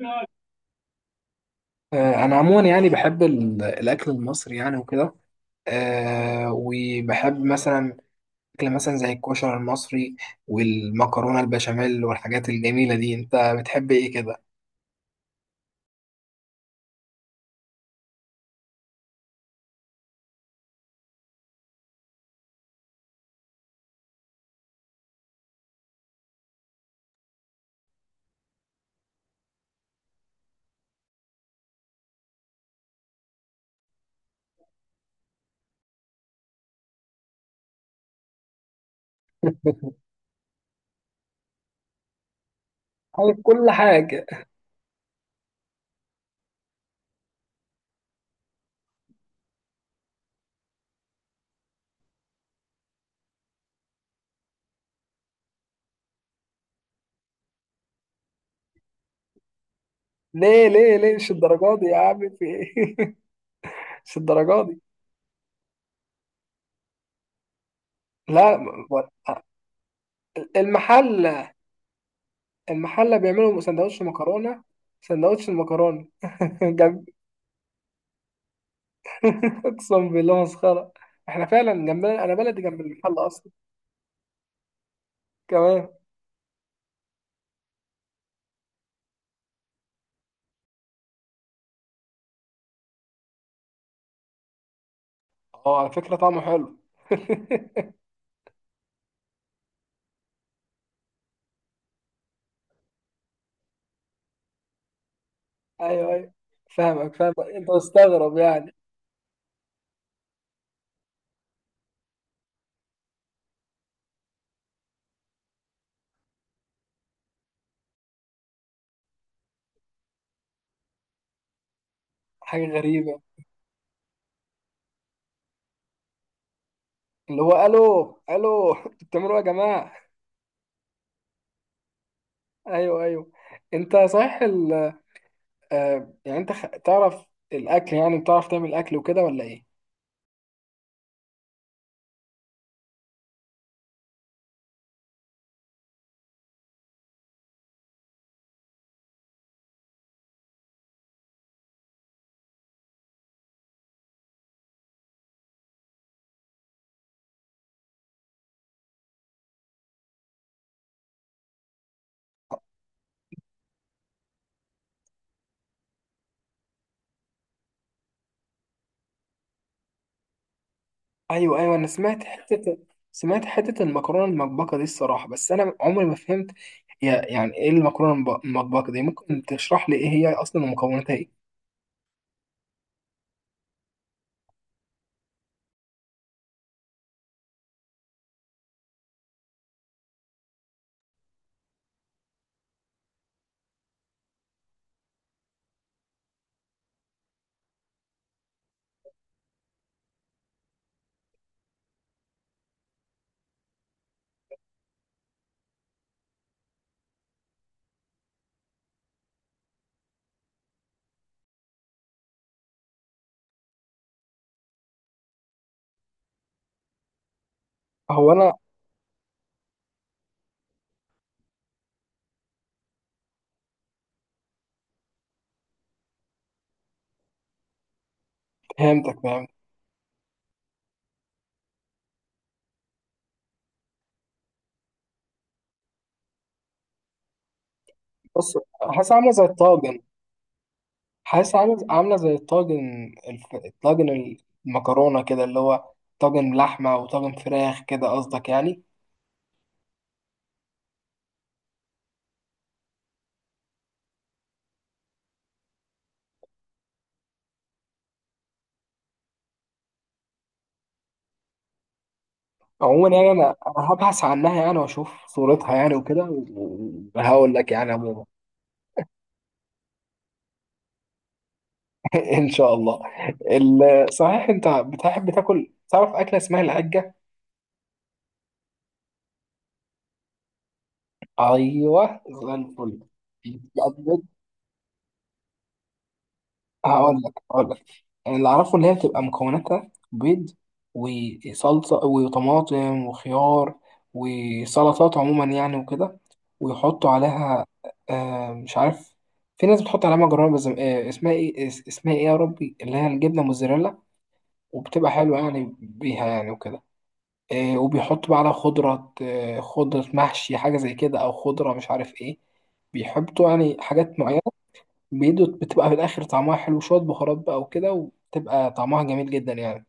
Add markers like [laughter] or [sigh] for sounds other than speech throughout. آه، انا عموما يعني بحب الاكل المصري يعني وكده. وبحب مثلا اكل مثلا زي الكشري المصري والمكرونه البشاميل والحاجات الجميله دي، انت بتحب ايه كده؟ حابب كل حاجه. ليه ليه ليه؟ مش الدرجات دي يا عم، في ايه؟ [laughs] مش الدرجات دي. لا. ب- المحل المحل بيعملوا سندوتش مكرونه، سندوتش المكرونه. [laughs] جنب. اقسم بالله مسخره. احنا فعلا جنبنا، انا بلدي جنب المحل اصلا. كمان. اه، على فكرة طعمه حلو. [laughs] ايوه ايوه، فاهمك فاهمك، انت مستغرب يعني. حاجة غريبة. اللي هو الو الو [laughs] انتوا بتعملوا ايه يا جماعة؟ ايوه ايوه. انت صحيح يعني انت تعرف الاكل يعني؟ بتعرف تعمل اكل وكده ولا ايه؟ ايوه ايوه، انا سمعت حتة، المكرونة المطبقة دي الصراحة، بس انا عمري ما فهمت هي يعني ايه المكرونة المطبقة دي. ممكن تشرح لي ايه هي اصلا ومكوناتها ايه؟ هو انا فهمتك فهمتك. بص، حاسس عاملة زي الطاجن، حاسس عامل عاملة زي الطاجن، الطاجن المكرونة كده، اللي هو طاجن لحمة وطاجن فراخ كده قصدك يعني؟ عموما يعني أنا هبحث عنها يعني وأشوف صورتها يعني وكده، وهقول لك يعني عموما. [laughs] إن شاء الله. صحيح أنت بتحب تاكل، تعرف أكلة اسمها العجة؟ أيوه زي الفل. هقول لك هقول لك، اللي اعرفه ان هي بتبقى مكوناتها بيض وصلصه وطماطم وخيار وسلطات عموما يعني وكده، ويحطوا عليها مش عارف، في ناس بتحط عليها مكرونه بس، اسمها ايه، اسمها ايه يا ربي، اللي هي الجبنه موزاريلا، وبتبقى حلوه يعني بيها يعني وكده. وبيحطوا بقى على خضره، خضره محشي حاجه زي كده، او خضره مش عارف ايه، بيحطوا يعني حاجات معينه بيدو، بتبقى في الاخر طعمها حلو، شويه بهارات بقى وكده، وبتبقى طعمها جميل جدا يعني.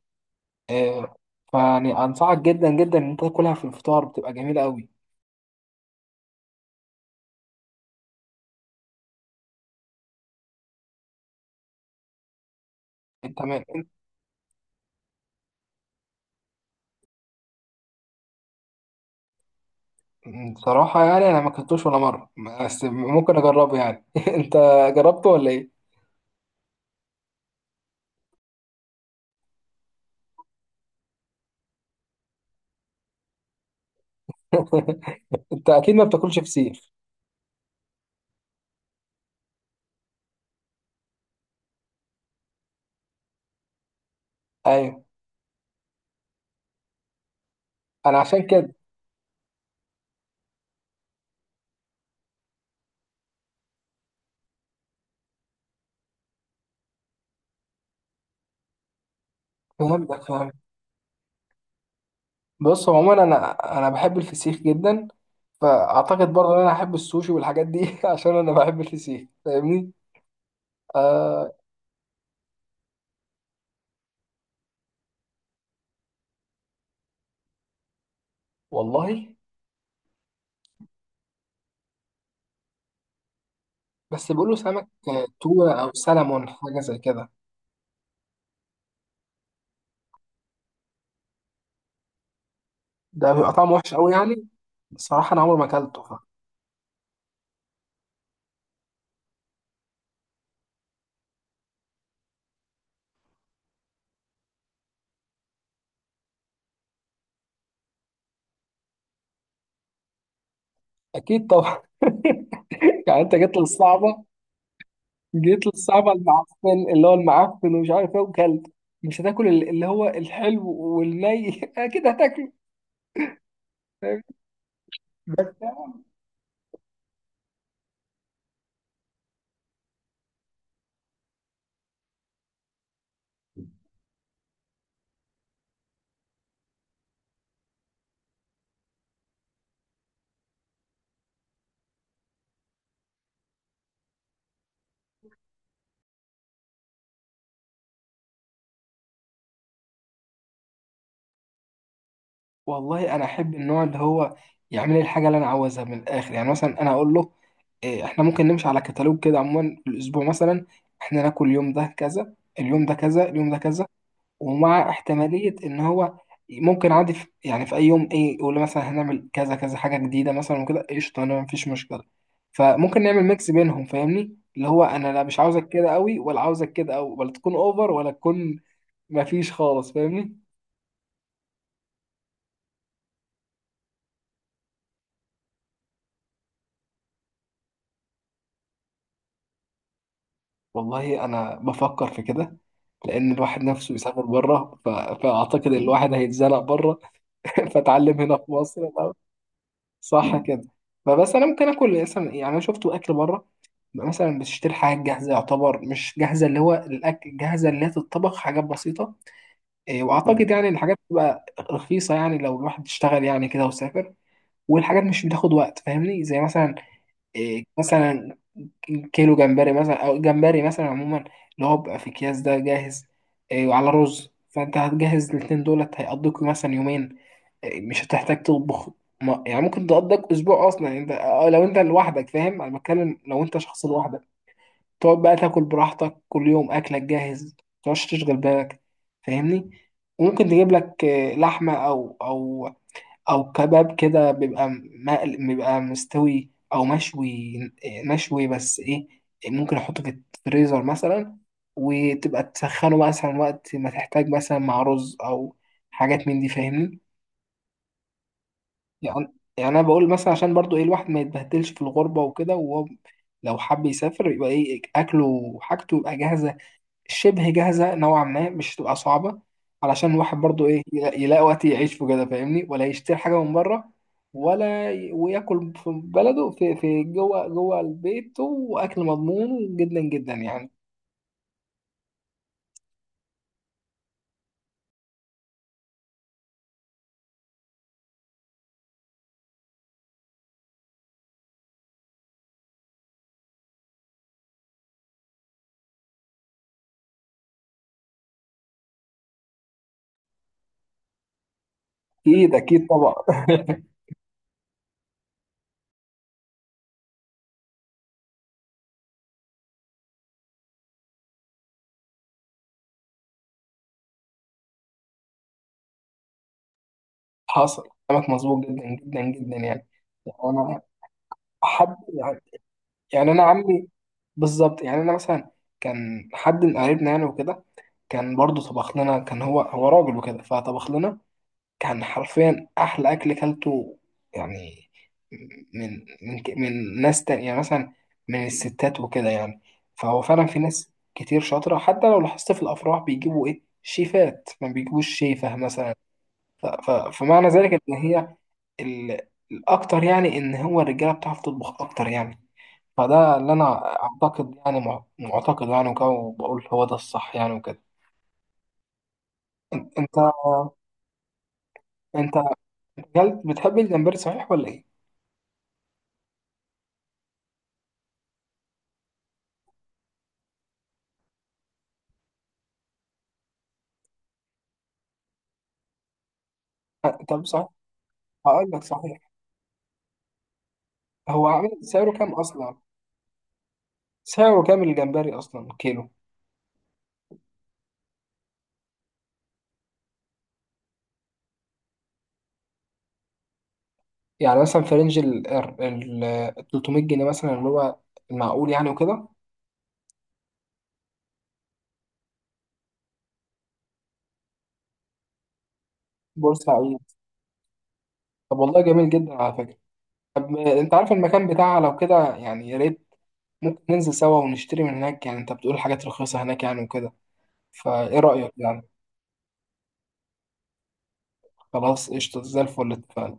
آه، فيعني انصحك جدا جدا ان انت تاكلها في الفطار، بتبقى جميله قوي. انت ما أنت- بصراحه يعني انا ما كنتوش ولا مره، بس ممكن اجربه يعني. [laughs] انت جربته ولا ايه؟ [laughs] انت اكيد ما بتاكلش فسيخ. ايوه، انا عشان كده. فهمتك فهمت. بص عموما، انا بحب الفسيخ جدا، فاعتقد برضه ان انا احب السوشي والحاجات دي [laughs] عشان انا بحب الفسيخ، فاهمني؟ آه. والله، بس بيقولوا سمك تونة أو سلمون حاجة زي كده. ده بيبقى طعمه وحش أوي يعني. الصراحة أنا عمري ما أكلته. أكيد طبعا. [laughs] يعني أنت جيت للصعبة المعفن، اللي هو المعفن ومش عارف إيه، وكلت. مش هتاكل اللي هو الحلو والني؟ [laughs] أكيد هتاكله. فاهم؟ والله أنا أحب النوع اللي هو يعمل لي الحاجة اللي أنا عاوزها من الآخر يعني. مثلا أنا أقول له إيه، احنا ممكن نمشي على كتالوج كده عموما في الاسبوع مثلا، احنا ناكل اليوم ده كذا، اليوم ده كذا، اليوم ده كذا. ومع احتمالية إن هو ممكن عادي في أي يوم إيه يقول لي مثلا هنعمل كذا كذا حاجة جديدة مثلا وكده، قشطة، أنا مفيش مشكلة. فممكن نعمل ميكس بينهم، فاهمني؟ اللي هو أنا لا مش عاوزك كده أوي، ولا عاوزك كده أوي، ولا تكون أوفر، ولا تكون مفيش خالص، فاهمني؟ والله أنا بفكر في كده، لأن الواحد نفسه يسافر بره، فأعتقد الواحد هيتزنق بره. [laughs] فأتعلم هنا في مصر. صح كده. فبس انا ممكن اكل مثلا يعني، انا شفت اكل بره بيبقى مثلا بتشتري حاجات جاهزه، يعتبر مش جاهزه، اللي هو الاكل جاهزه اللي هي تتطبخ حاجات بسيطه. إيه، واعتقد يعني الحاجات بتبقى رخيصه، يعني لو الواحد اشتغل يعني كده وسافر، والحاجات مش بتاخد وقت، فاهمني؟ زي مثلا إيه، مثلا كيلو جمبري مثلا، او جمبري مثلا عموما، اللي هو بيبقى في اكياس ده جاهز. إيه، وعلى رز، فانت هتجهز الاتنين دولت هيقضيك مثلا يومين. مش هتحتاج تطبخ، ما يعني ممكن تقضيك اسبوع اصلا، يعني انت لو انت لوحدك، فاهم؟ انا بتكلم لو انت شخص لوحدك، تقعد بقى تاكل براحتك، كل يوم اكلك جاهز، ما تقعدش تشغل بالك، فاهمني؟ وممكن تجيب لك لحمه، او كباب كده، بيبقى مقل، بيبقى مستوي او مشوي. مشوي، بس ايه، ممكن احطه في الفريزر مثلا، وتبقى تسخنه مثلا وقت ما تحتاج، مثلا مع رز او حاجات من دي، فاهمني؟ يعني انا بقول مثلا عشان برضو ايه، الواحد ما يتبهدلش في الغربه وكده، وهو لو حب يسافر يبقى ايه اكله وحاجته يبقى جاهزه، شبه جاهزه نوعا ما، مش تبقى صعبه، علشان الواحد برضو ايه يلاقي وقت يعيش في كده، فاهمني؟ ولا يشتري حاجه من بره، ولا وياكل في بلده في جوه جوه البيت، واكل مضمون جدا جدا يعني. اكيد اكيد طبعا. [laughs] حصل، كلامك مظبوط جدا جدا جدا يعني. يعني انا احب يعني. يعني انا عمي، بالظبط. يعني انا مثلا كان حد من قرايبنا يعني وكده، كان برضه طبخ لنا، كان هو راجل وكده، فطبخ لنا كان حرفيا احلى اكل كلته. يعني من ناس تانية يعني، مثلا من الستات وكده يعني. فهو فعلا في ناس كتير شاطرة، حتى لو لاحظت في الافراح بيجيبوا ايه، شيفات، ما بيجيبوش شيفة مثلا. ف- ف- فمعنى ذلك ان هي ال- الاكتر يعني ان هو الرجالة بتعرف تطبخ اكتر يعني. فده اللي انا اعتقد يعني، معتقد يعني وكده، وبقول هو ده الصح يعني وكده. انت انت جلد، بتحب الجمبري صحيح ولا ايه؟ طب صحيح، هقول لك صحيح، هو عامل سعره كام اصلا؟ سعره كام الجمبري اصلا كيلو؟ يعني مثلا في رينج 300 جنيه مثلا، اللي هو المعقول يعني وكده، بورسعيد. طب والله جميل جدا على فكرة. طب انت عارف المكان بتاعها لو كده يعني، يا ريت ممكن ننزل سوا ونشتري من هناك يعني، انت بتقول حاجات رخيصة هناك يعني وكده، فايه رأيك يعني؟ خلاص قشطة زي الفل، اتفقنا.